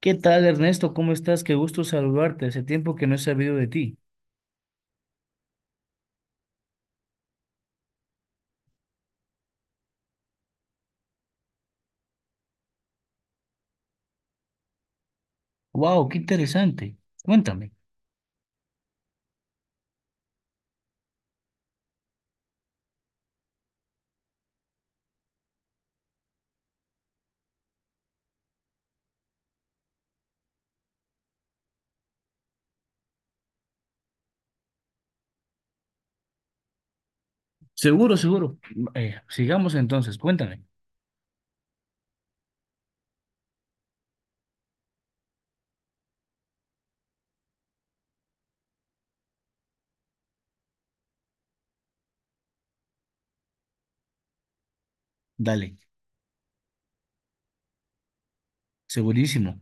¿Qué tal, Ernesto? ¿Cómo estás? Qué gusto saludarte. Hace tiempo que no he sabido de ti. Wow, qué interesante. Cuéntame. Seguro, seguro. Sigamos entonces. Cuéntame. Dale. Segurísimo.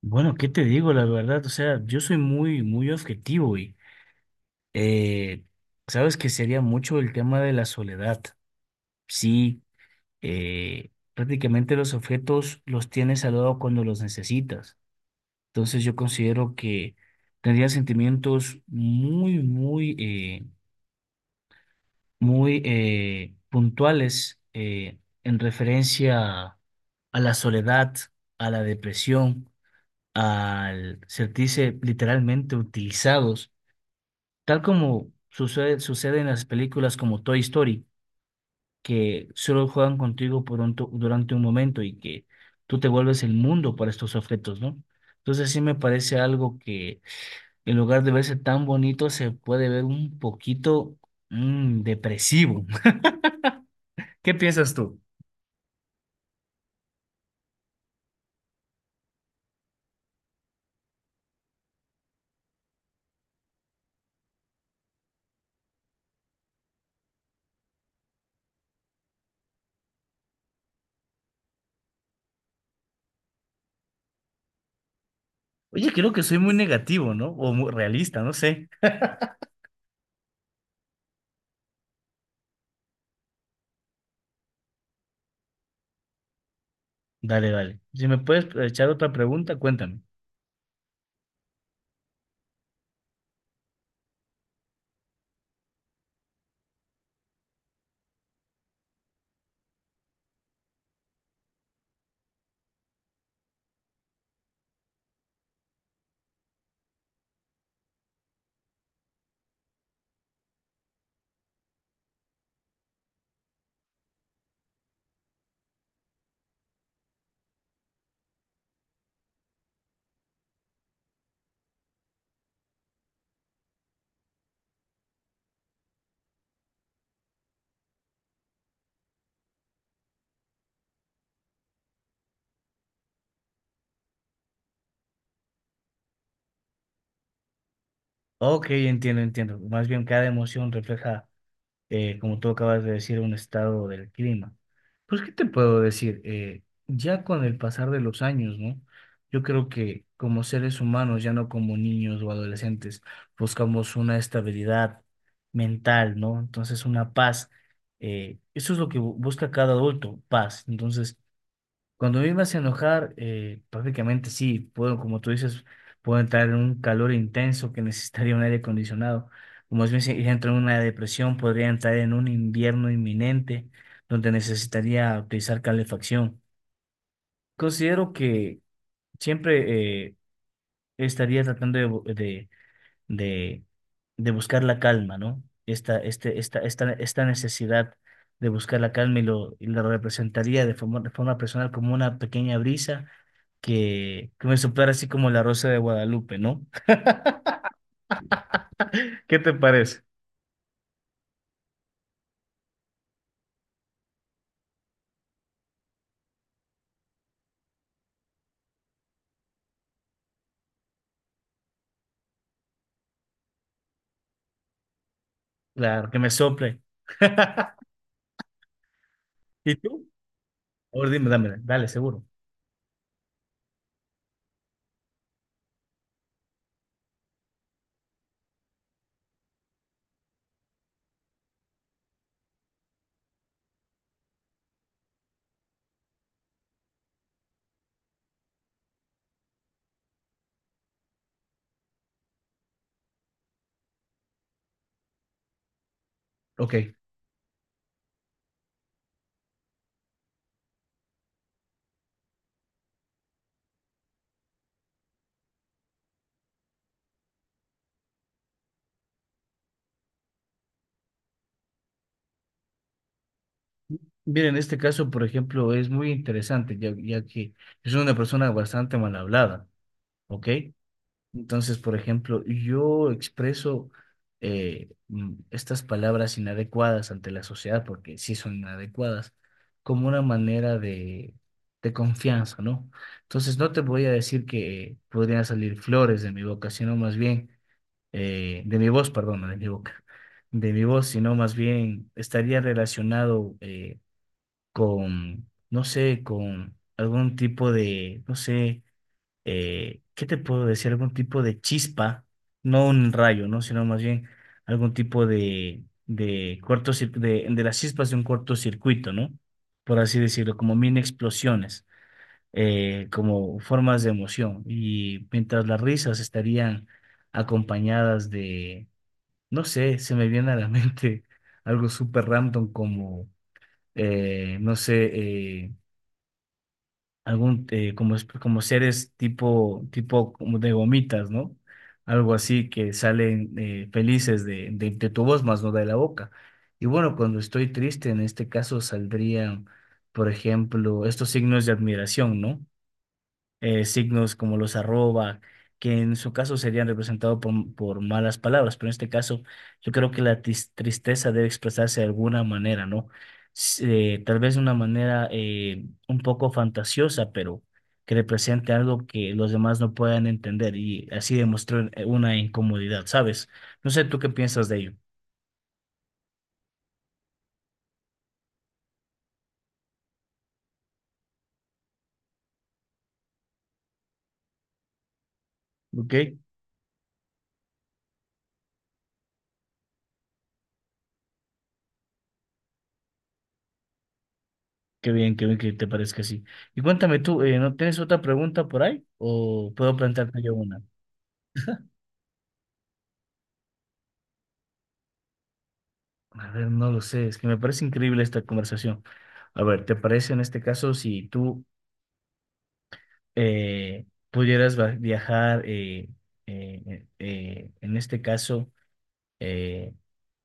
Bueno, ¿qué te digo? La verdad, o sea, yo soy muy, muy objetivo y eh, sabes que sería mucho el tema de la soledad. Sí, prácticamente los objetos los tienes al lado cuando los necesitas. Entonces yo considero que tendría sentimientos muy, muy muy puntuales en referencia a la soledad, a la depresión, al sentirse literalmente utilizados, tal como sucede en las películas como Toy Story, que solo juegan contigo por durante un momento y que tú te vuelves el mundo para estos objetos, ¿no? Entonces sí me parece algo que en lugar de verse tan bonito se puede ver un poquito depresivo. ¿Qué piensas tú? Oye, creo que soy muy negativo, ¿no? O muy realista, no sé. Dale, dale. Si me puedes echar otra pregunta, cuéntame. Ok, entiendo, entiendo. Más bien cada emoción refleja, como tú acabas de decir, un estado del clima. Pues, ¿qué te puedo decir? Ya con el pasar de los años, ¿no? Yo creo que como seres humanos, ya no como niños o adolescentes, buscamos una estabilidad mental, ¿no? Entonces, una paz. Eso es lo que busca cada adulto, paz. Entonces, cuando a mí me hace enojar, prácticamente sí, puedo, como tú dices, puedo entrar en un calor intenso que necesitaría un aire acondicionado. Si entro en una depresión, podría entrar en un invierno inminente donde necesitaría utilizar calefacción. Considero que siempre estaría tratando de, de, de buscar la calma, ¿no? Esta, este, esta necesidad de buscar la calma y lo representaría de forma personal como una pequeña brisa que me soplara así como la rosa de Guadalupe, ¿no? ¿Qué te parece? Claro, que me sople. ¿Y tú? Ahora dime, dámela, dale, seguro. Ok. Mira, en este caso, por ejemplo, es muy interesante, ya que es una persona bastante mal hablada, ¿ok? Entonces, por ejemplo, yo expreso estas palabras inadecuadas ante la sociedad, porque sí son inadecuadas, como una manera de confianza, ¿no? Entonces, no te voy a decir que podrían salir flores de mi boca, sino más bien, de mi voz, perdón, no de mi boca, de mi voz, sino más bien estaría relacionado con, no sé, con algún tipo de, no sé ¿qué te puedo decir? Algún tipo de chispa, no un rayo, ¿no? Sino más bien algún tipo de las chispas de un cortocircuito, ¿no? Por así decirlo, como mini explosiones, como formas de emoción. Y mientras las risas estarían acompañadas de, no sé, se me viene a la mente algo súper random como, no sé, eh, algún como, como seres tipo como de gomitas, ¿no? Algo así que salen felices de tu voz, más no de la boca. Y bueno, cuando estoy triste, en este caso saldrían, por ejemplo, estos signos de admiración, ¿no? Signos como los arroba, que en su caso serían representados por malas palabras, pero en este caso yo creo que la tristeza debe expresarse de alguna manera, ¿no? S- Tal vez de una manera un poco fantasiosa, pero que represente algo que los demás no puedan entender y así demostrar una incomodidad, ¿sabes? No sé tú qué piensas de ello, ¿ok? Qué bien que te parezca así. Y cuéntame tú, ¿no tienes otra pregunta por ahí? ¿O puedo plantearte yo una? A ver, no lo sé, es que me parece increíble esta conversación. A ver, ¿te parece en este caso si tú viajar, en este caso, eh,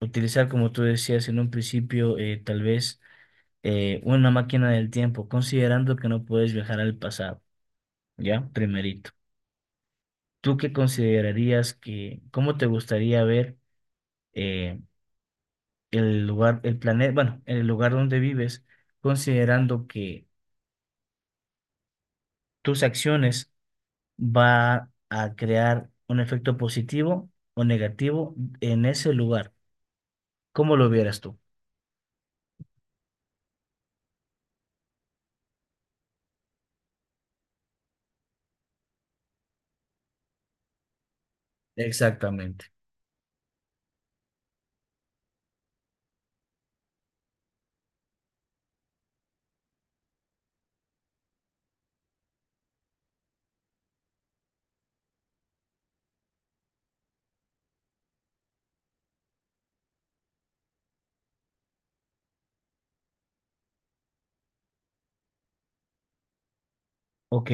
utilizar, como tú decías en un principio, tal vez una máquina del tiempo, considerando que no puedes viajar al pasado, ¿ya? Primerito. ¿Tú qué considerarías que, cómo te gustaría ver eh, el lugar, el planeta, bueno, el lugar donde vives, considerando que tus acciones va a crear un efecto positivo o negativo en ese lugar? ¿Cómo lo vieras tú? Exactamente. Ok,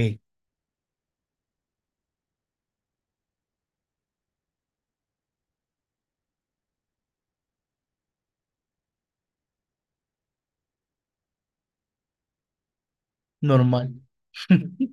normal.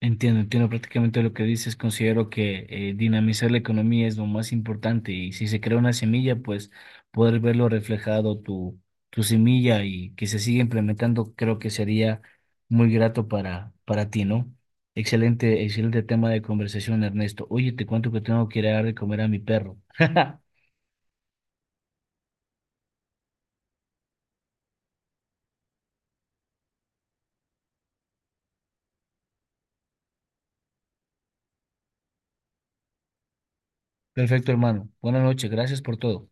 Entiendo, entiendo prácticamente lo que dices. Considero que dinamizar la economía es lo más importante y si se crea una semilla, pues poder verlo reflejado tu semilla y que se siga implementando, creo que sería muy grato para ti, ¿no? Excelente, excelente tema de conversación, Ernesto. Oye, te cuento que tengo que ir a dar de comer a mi perro. Perfecto, hermano. Buenas noches, gracias por todo.